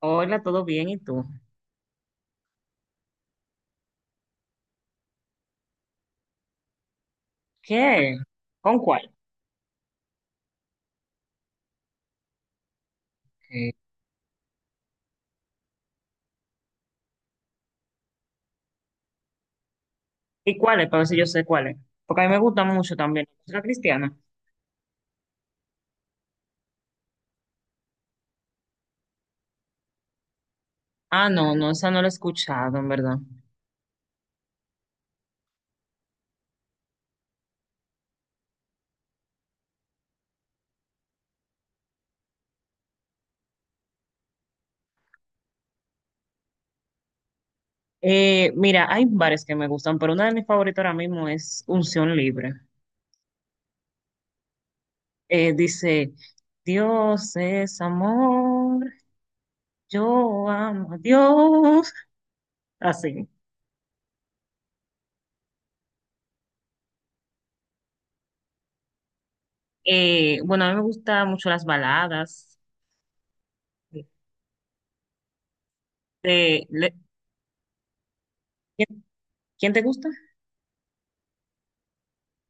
Hola, ¿todo bien? ¿Y tú? ¿Qué? ¿Con cuál? Eh, ¿Y cuáles? Para ver si yo sé cuáles. Porque a mí me gusta mucho también la música cristiana. Ah, no, no, esa no la he escuchado, en verdad. Mira, hay varias que me gustan, pero una de mis favoritas ahora mismo es Unción Libre. Dice, Dios es amor, yo amo a Dios. Así. Bueno, a mí me gustan mucho las baladas. Eh, le- ¿Quién, quién te gusta?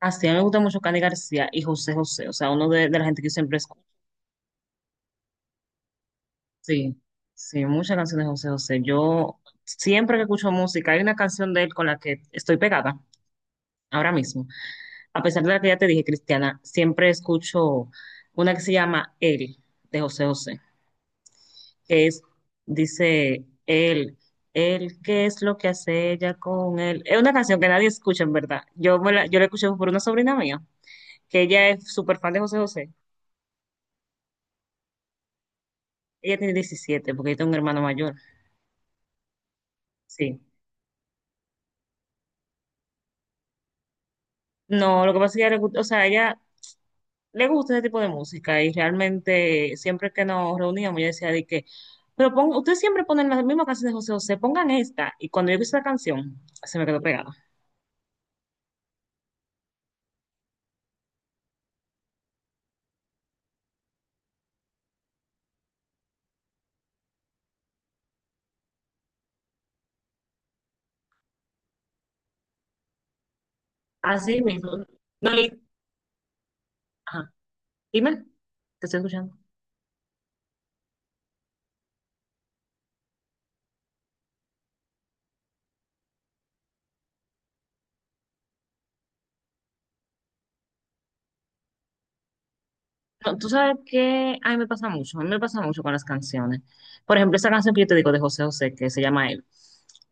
Así, a mí me gusta mucho Cani García y José José, o sea, uno de la gente que yo siempre escucho. Sí, sí, muchas canciones de José José. Yo siempre que escucho música, hay una canción de él con la que estoy pegada ahora mismo. A pesar de la que ya te dije, Cristiana, siempre escucho una que se llama Él, de José José, que es, dice, Él, ¿qué es lo que hace ella con él? Es una canción que nadie escucha, en verdad. Yo la escuché por una sobrina mía, que ella es súper fan de José José. Ella tiene 17 porque yo tengo un hermano mayor, sí. No, lo que pasa es que ella, o sea, ella le gusta ese tipo de música y realmente siempre que nos reuníamos ella decía de que, pero pon, ustedes siempre ponen las mismas canciones de José José, pongan esta. Y cuando yo vi esa canción, se me quedó pegada. Así mismo. No, ajá. Dime, te estoy escuchando. No, tú sabes que a mí me pasa mucho, a mí me pasa mucho con las canciones. Por ejemplo, esa canción que yo te digo de José José, que se llama Él.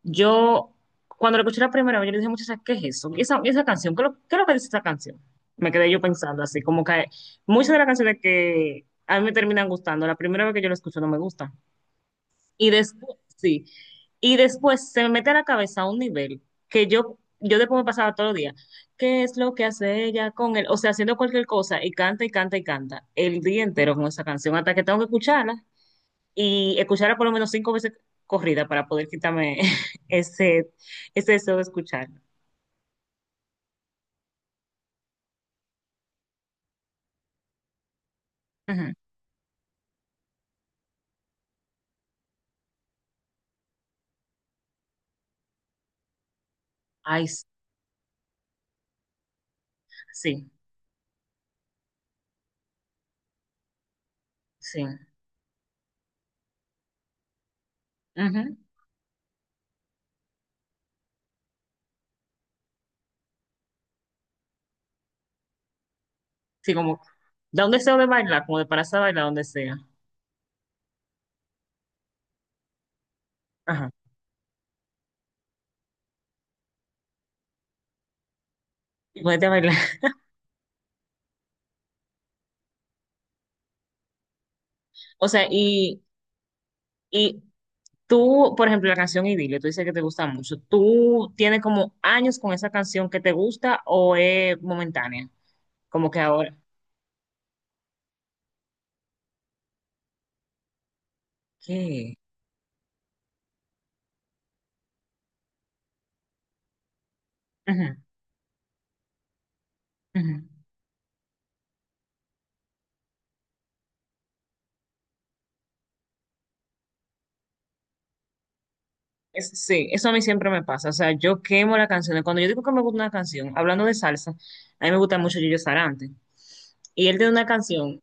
Yo, cuando la escuché la primera vez, yo le dije muchas veces, ¿qué es eso? Y esa canción? ¿Qué es lo que dice esa canción? Me quedé yo pensando así, como que muchas de las canciones que a mí me terminan gustando, la primera vez que yo la escucho no me gusta. Y después, sí. Y después se me mete a la cabeza a un nivel que yo después me pasaba todos los días. ¿Qué es lo que hace ella con él? O sea, haciendo cualquier cosa y canta y canta y canta el día entero con esa canción hasta que tengo que escucharla y escucharla por lo menos 5 veces corrida para poder quitarme ese, ese deseo de escucharla. Ujú. Ay, sí, sí. Ujú. Sí, como da un deseo de bailar, como de pararse a bailar donde sea. Ajá. Y ponerte a bailar. O sea, tú, por ejemplo, la canción Idilio, tú dices que te gusta mucho. ¿Tú tienes como años con esa canción que te gusta o es momentánea? Como que ahora. ¿Qué? Ujú, ujú. Sí, eso a mí siempre me pasa. O sea, yo quemo las canciones. Cuando yo digo que me gusta una canción, hablando de salsa, a mí me gusta mucho Gillo Sarante. Y él tiene una canción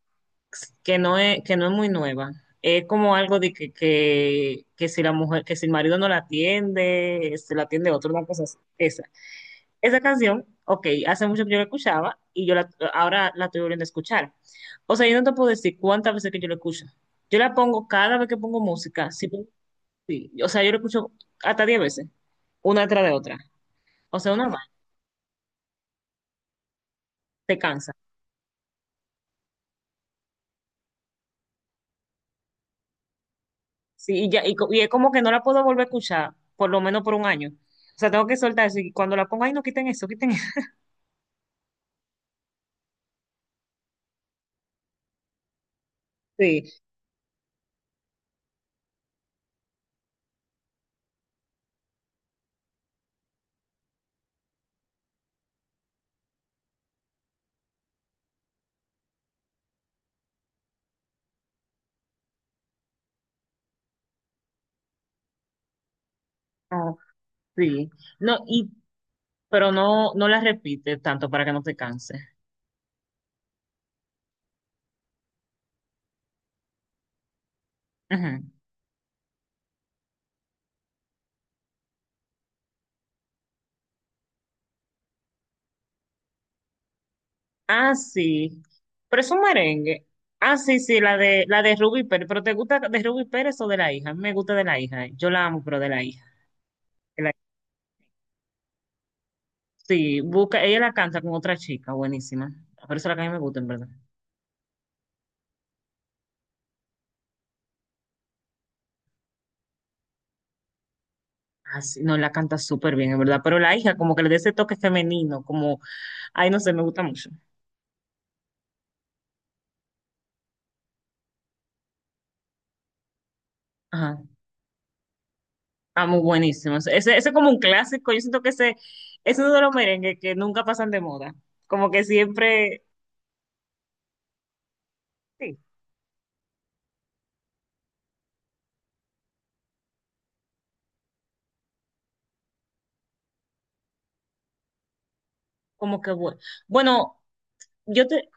que no es muy nueva. Es como algo de que si la mujer, que si el marido no la atiende, se la atiende otro, una cosa así. Esa. Esa canción, ok, hace mucho que yo la escuchaba y ahora la estoy volviendo a escuchar. O sea, yo no te puedo decir cuántas veces que yo la escucho. Yo la pongo cada vez que pongo música. Sí, sí. O sea, yo la escucho hasta 10 veces, una tras de otra. O sea, una más, te cansa. Sí, ya, y es como que no la puedo volver a escuchar, por lo menos por un año. O sea, tengo que soltar eso. Y cuando la pongo ahí, no quiten eso, quiten eso. Sí, no, sí. No, pero no, no la repites tanto para que no te canse. Ujú. Ah, sí. Pero es un merengue. Ah, sí, sí, la de Ruby Pérez. ¿Pero te gusta de Ruby Pérez o de la hija? A mí me gusta de la hija. Yo la amo, pero de la hija. De la- sí, busca, ella la canta con otra chica, buenísima. Por eso es la que a mí me gusta, en verdad. Ah, sí, no, la canta súper bien, en verdad. Pero la hija, como que le da ese toque femenino, como, ay, no sé, me gusta mucho. Ajá. Ah, muy buenísimo. Ese es como un clásico. Yo siento que ese es uno de los merengues que nunca pasan de moda. Como que siempre, sí, como que bueno. Bueno, yo te,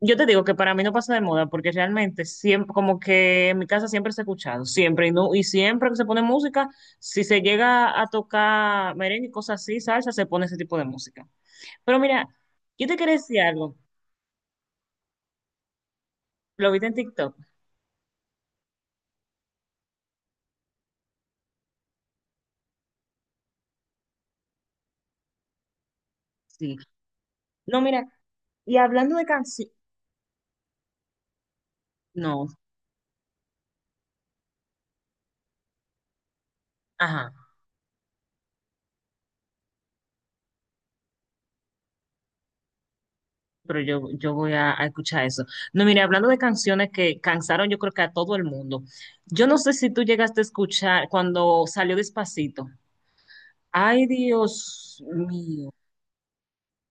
Yo te digo que para mí no pasa de moda porque realmente siempre, como que en mi casa siempre se ha escuchado, siempre y no, y siempre que se pone música, si se llega a tocar merengue y cosas así, salsa, se pone ese tipo de música. Pero mira, yo te quería decir algo, lo viste en TikTok, sí. No, mira, y hablando de canciones, no, ajá, pero yo voy a escuchar eso. No, mira, hablando de canciones que cansaron, yo creo que a todo el mundo. Yo no sé si tú llegaste a escuchar cuando salió Despacito. Ay, Dios mío.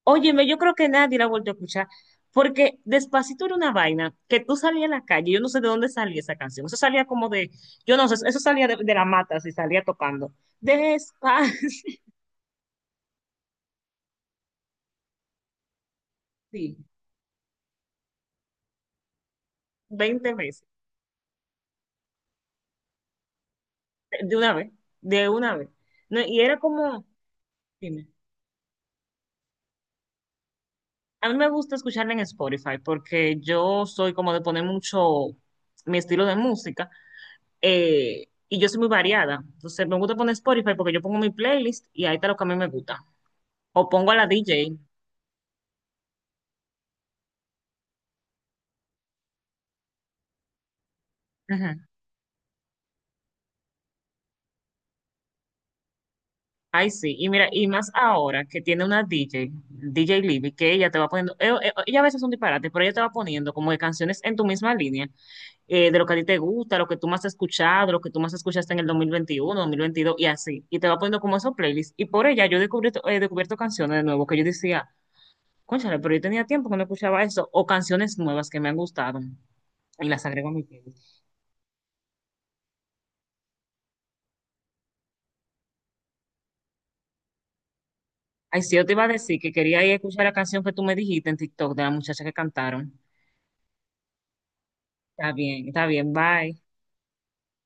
Óyeme, yo creo que nadie la ha vuelto a escuchar, porque Despacito era una vaina que tú salías a la calle, yo no sé de dónde salía esa canción, eso salía como de, yo no sé, eso salía de la mata, si salía tocando. Despacito, sí, 20 veces, de una vez, de una vez. No, y era como, dime, a mí me gusta escucharla en Spotify, porque yo soy como de poner mucho mi estilo de música, y yo soy muy variada, entonces me gusta poner Spotify porque yo pongo mi playlist y ahí está lo que a mí me gusta. O pongo a la DJ. Ajá. Ay, sí. Y mira, y más ahora que tiene una DJ, DJ Libby, que ella te va poniendo, ella a veces es un disparate, pero ella te va poniendo como que canciones en tu misma línea, de lo que a ti te gusta, lo que tú más has escuchado, lo que tú más escuchaste en el 2021, 2022 y así. Y te va poniendo como esos playlists. Y por ella yo he descubierto canciones de nuevo que yo decía, cónchale, pero yo tenía tiempo que no escuchaba eso, o canciones nuevas que me han gustado. Y las agrego a mi playlist. Ay, sí, yo te iba a decir que quería ir a escuchar la canción que tú me dijiste en TikTok de la muchacha que cantaron. Está bien, bye.